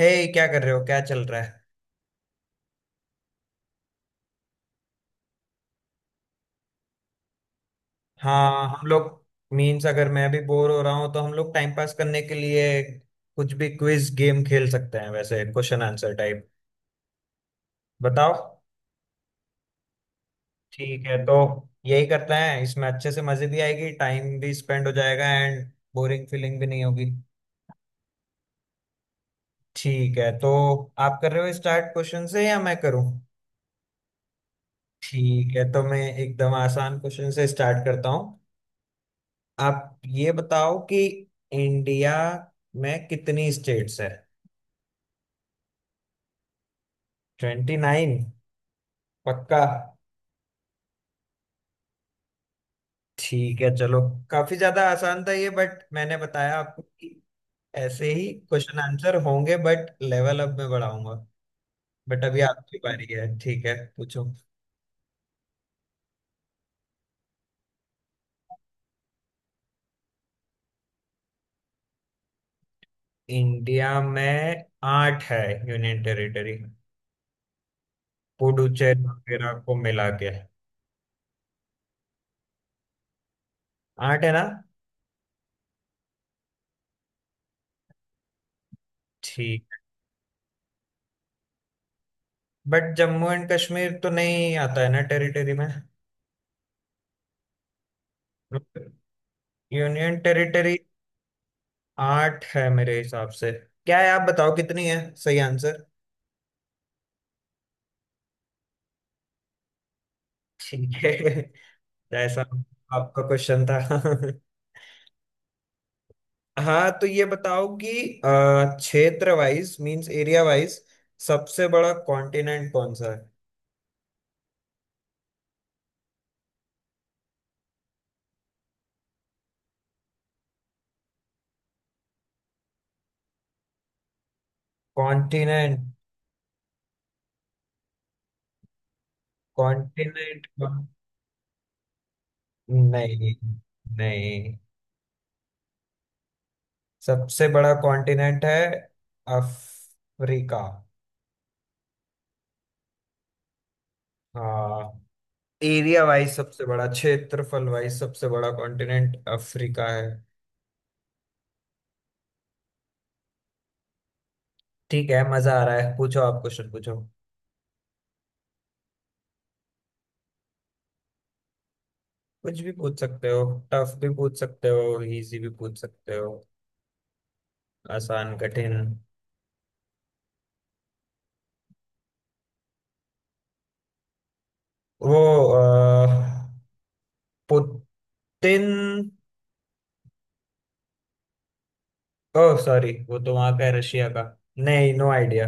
हे। क्या कर रहे हो? क्या चल रहा है? हाँ हम लोग, मीन्स अगर मैं भी बोर हो रहा हूँ तो हम लोग टाइम पास करने के लिए कुछ भी क्विज गेम खेल सकते हैं। वैसे क्वेश्चन आंसर टाइप। बताओ। ठीक है, तो यही करते हैं। इसमें अच्छे से मजे भी आएगी, टाइम भी स्पेंड हो जाएगा एंड बोरिंग फीलिंग भी नहीं होगी। ठीक है, तो आप कर रहे हो स्टार्ट क्वेश्चन से या मैं करूँ? ठीक है, तो मैं एकदम आसान क्वेश्चन से स्टार्ट करता हूँ। आप ये बताओ कि इंडिया में कितनी स्टेट्स है? Twenty nine? पक्का? ठीक है चलो। काफी ज्यादा आसान था ये, बट मैंने बताया आपको कि ऐसे ही क्वेश्चन आंसर होंगे, बट लेवल अप में बढ़ाऊंगा। बट अभी आपकी बारी है, ठीक है, पूछो। इंडिया में आठ है यूनियन टेरिटरी, पुडुचेरी वगैरह को मिला के। आठ है ना? ठीक। बट जम्मू एंड कश्मीर तो नहीं आता है ना टेरिटरी में, यूनियन टेरिटरी। आठ है मेरे हिसाब से। क्या है, आप बताओ कितनी है सही आंसर। ठीक है जैसा आपका क्वेश्चन था हाँ, तो ये बताओ कि क्षेत्र वाइज मींस एरिया वाइज सबसे बड़ा कॉन्टिनेंट कौन सा है? कॉन्टिनेंट। कॉन्टिनेंट नहीं, नहीं। सबसे बड़ा कॉन्टिनेंट है अफ्रीका। हाँ, एरिया वाइज सबसे बड़ा, क्षेत्रफल वाइज सबसे बड़ा कॉन्टिनेंट अफ्रीका है। ठीक है, मजा आ रहा है। पूछो आप क्वेश्चन, पूछो। कुछ भी पूछ सकते हो, टफ भी पूछ सकते हो इजी भी पूछ सकते हो, आसान कठिन। वो अह, पुतिन। ओह सॉरी, वो तो वहां का है, रशिया का। नहीं, नो आइडिया।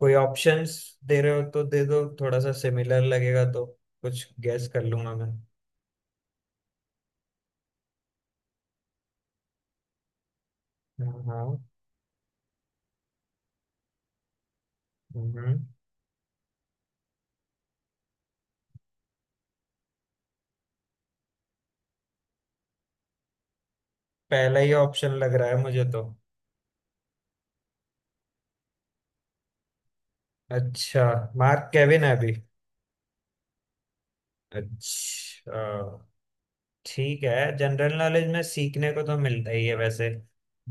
कोई ऑप्शंस दे रहे हो तो दे दो, थोड़ा सा सिमिलर लगेगा तो कुछ गैस कर लूंगा मैं। हाँ हाँ। हम्म। पहला ही ऑप्शन लग रहा है मुझे तो। अच्छा, मार्क केविन है अभी। अच्छा। ठीक है, जनरल नॉलेज में सीखने को तो मिलता ही है वैसे।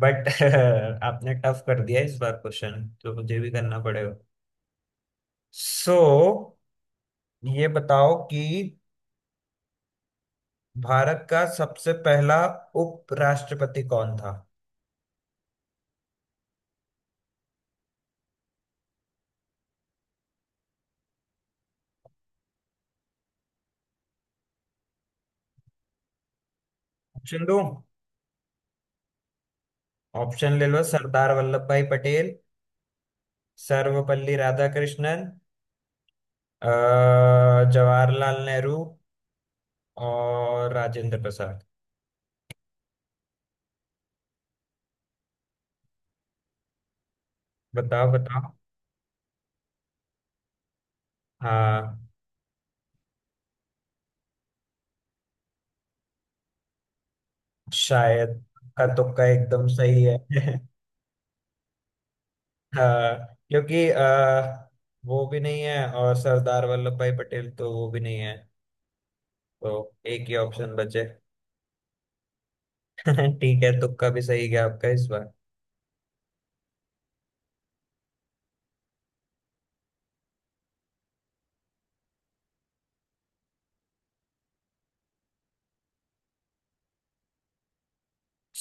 बट आपने टफ कर दिया इस बार क्वेश्चन, तो मुझे भी करना पड़ेगा। So, ये बताओ कि भारत का सबसे पहला उपराष्ट्रपति कौन था? ऑप्शन दो? ऑप्शन ले लो। सरदार वल्लभ भाई पटेल, सर्वपल्ली राधाकृष्णन, अ, जवाहरलाल नेहरू और राजेंद्र प्रसाद। बताओ बताओ। हाँ, शायद का तुक्का एकदम सही है हाँ, क्योंकि वो भी नहीं है और सरदार वल्लभ भाई पटेल, तो वो भी नहीं है। तो एक ही ऑप्शन बचे ठीक है, तुक्का भी सही गया आपका इस बार।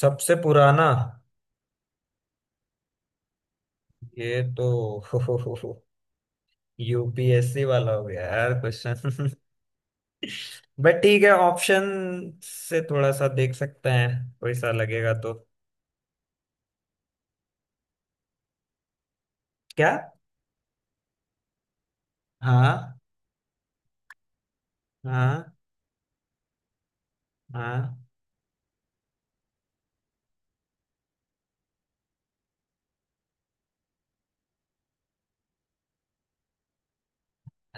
सबसे पुराना ये तो यूपीएससी वाला हो गया यार क्वेश्चन बट ठीक है, ऑप्शन से थोड़ा सा देख सकते हैं, कोई सा लगेगा तो। क्या? हाँ। हाँ। हाँ।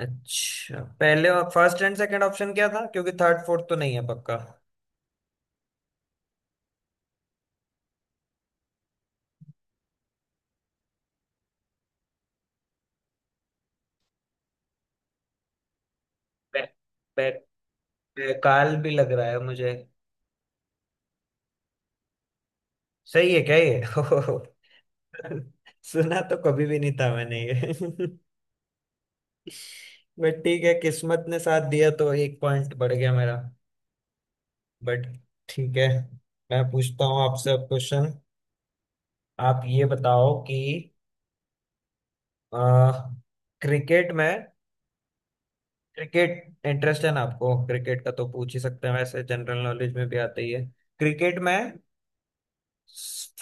अच्छा पहले फर्स्ट एंड सेकंड ऑप्शन क्या था, क्योंकि थर्ड फोर्थ तो नहीं है पक्का। बैक, ये काल भी लग रहा है मुझे। सही है क्या ये सुना तो कभी भी नहीं था मैंने ये बट ठीक है, किस्मत ने साथ दिया तो एक पॉइंट बढ़ गया मेरा। बट ठीक है, मैं पूछता हूँ आपसे अब क्वेश्चन। आप ये बताओ कि क्रिकेट में, क्रिकेट इंटरेस्ट है ना आपको क्रिकेट का, तो पूछ ही सकते हैं, वैसे जनरल नॉलेज में भी आता ही है। क्रिकेट में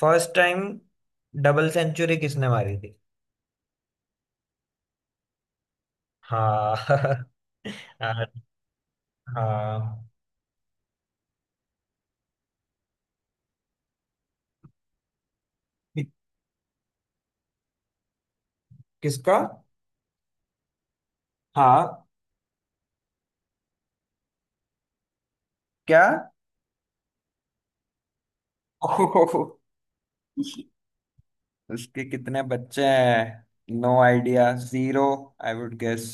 फर्स्ट टाइम डबल सेंचुरी किसने मारी थी? हाँ हाँ हाँ। कि- किसका? हाँ। क्या? ओहो। उसके कितने बच्चे हैं, no idea, zero, I would guess.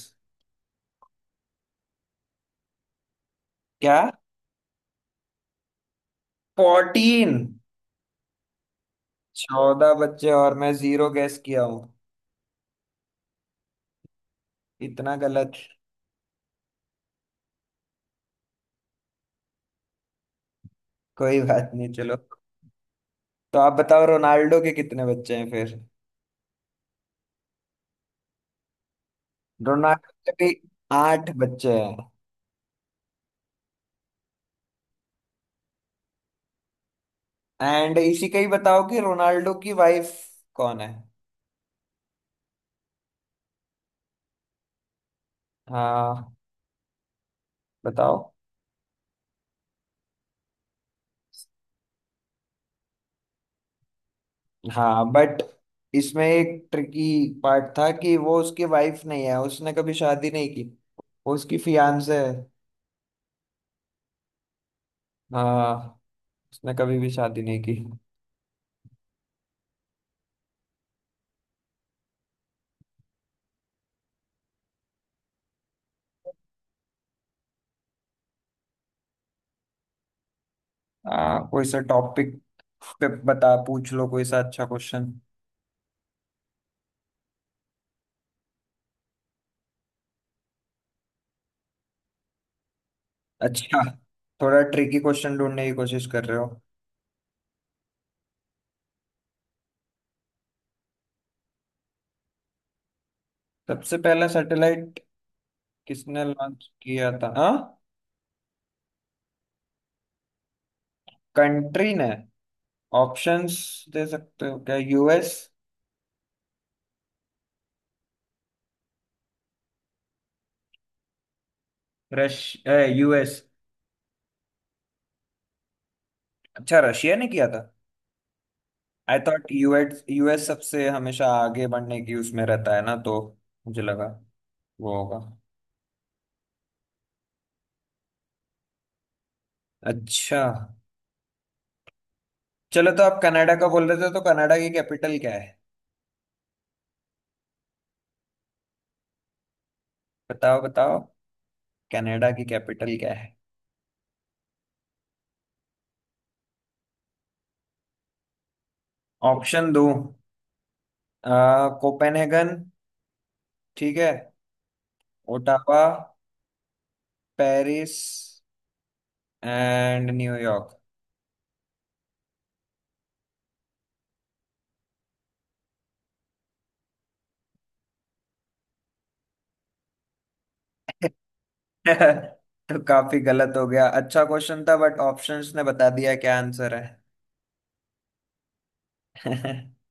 क्या? फोर्टीन, चौदह बच्चे और मैं जीरो गेस किया हूँ इतना गलत। कोई बात नहीं चलो। तो आप बताओ, रोनाल्डो के कितने बच्चे हैं फिर? रोनाल्डो के भी आठ बच्चे हैं। एंड इसी का ही बताओ कि रोनाल्डो की वाइफ कौन है? हाँ, बताओ। हाँ, बट इसमें एक ट्रिकी पार्ट था कि वो उसकी वाइफ नहीं है, उसने कभी शादी नहीं की। वो उसकी फियांसे है। हाँ, उसने कभी भी शादी नहीं की। हाँ, कोई सा टॉपिक पे बता पूछ लो कोई सा अच्छा क्वेश्चन। अच्छा, थोड़ा ट्रिकी क्वेश्चन ढूंढने की कोशिश कर रहे हो। सबसे पहला सैटेलाइट किसने लॉन्च किया था? हाँ, कंट्री ने? ऑप्शंस दे सकते हो क्या? यूएस? रश यूएस। अच्छा, रशिया ने किया था। आई थॉट यूएस, यूएस सबसे हमेशा आगे बढ़ने की उसमें रहता है ना, तो मुझे लगा वो होगा। अच्छा। चलो, तो आप कनाडा का बोल रहे थे, तो कनाडा की कैपिटल क्या है? बताओ बताओ। कनाडा की कैपिटल क्या है? ऑप्शन दो। कोपेनहेगन, ठीक है। Ottawa, Paris and New York. तो काफी गलत हो गया। अच्छा क्वेश्चन था, बट ऑप्शंस ने बता दिया क्या आंसर है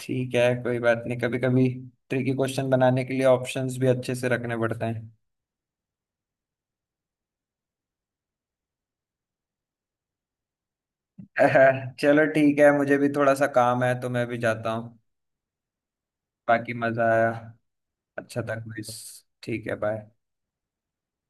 ठीक है कोई बात नहीं। कभी कभी ट्रिकी क्वेश्चन बनाने के लिए ऑप्शंस भी अच्छे से रखने पड़ते हैं। चलो ठीक है, मुझे भी थोड़ा सा काम है तो मैं भी जाता हूँ। बाकी मजा आया, अच्छा था क्विज। ठीक है, बाय।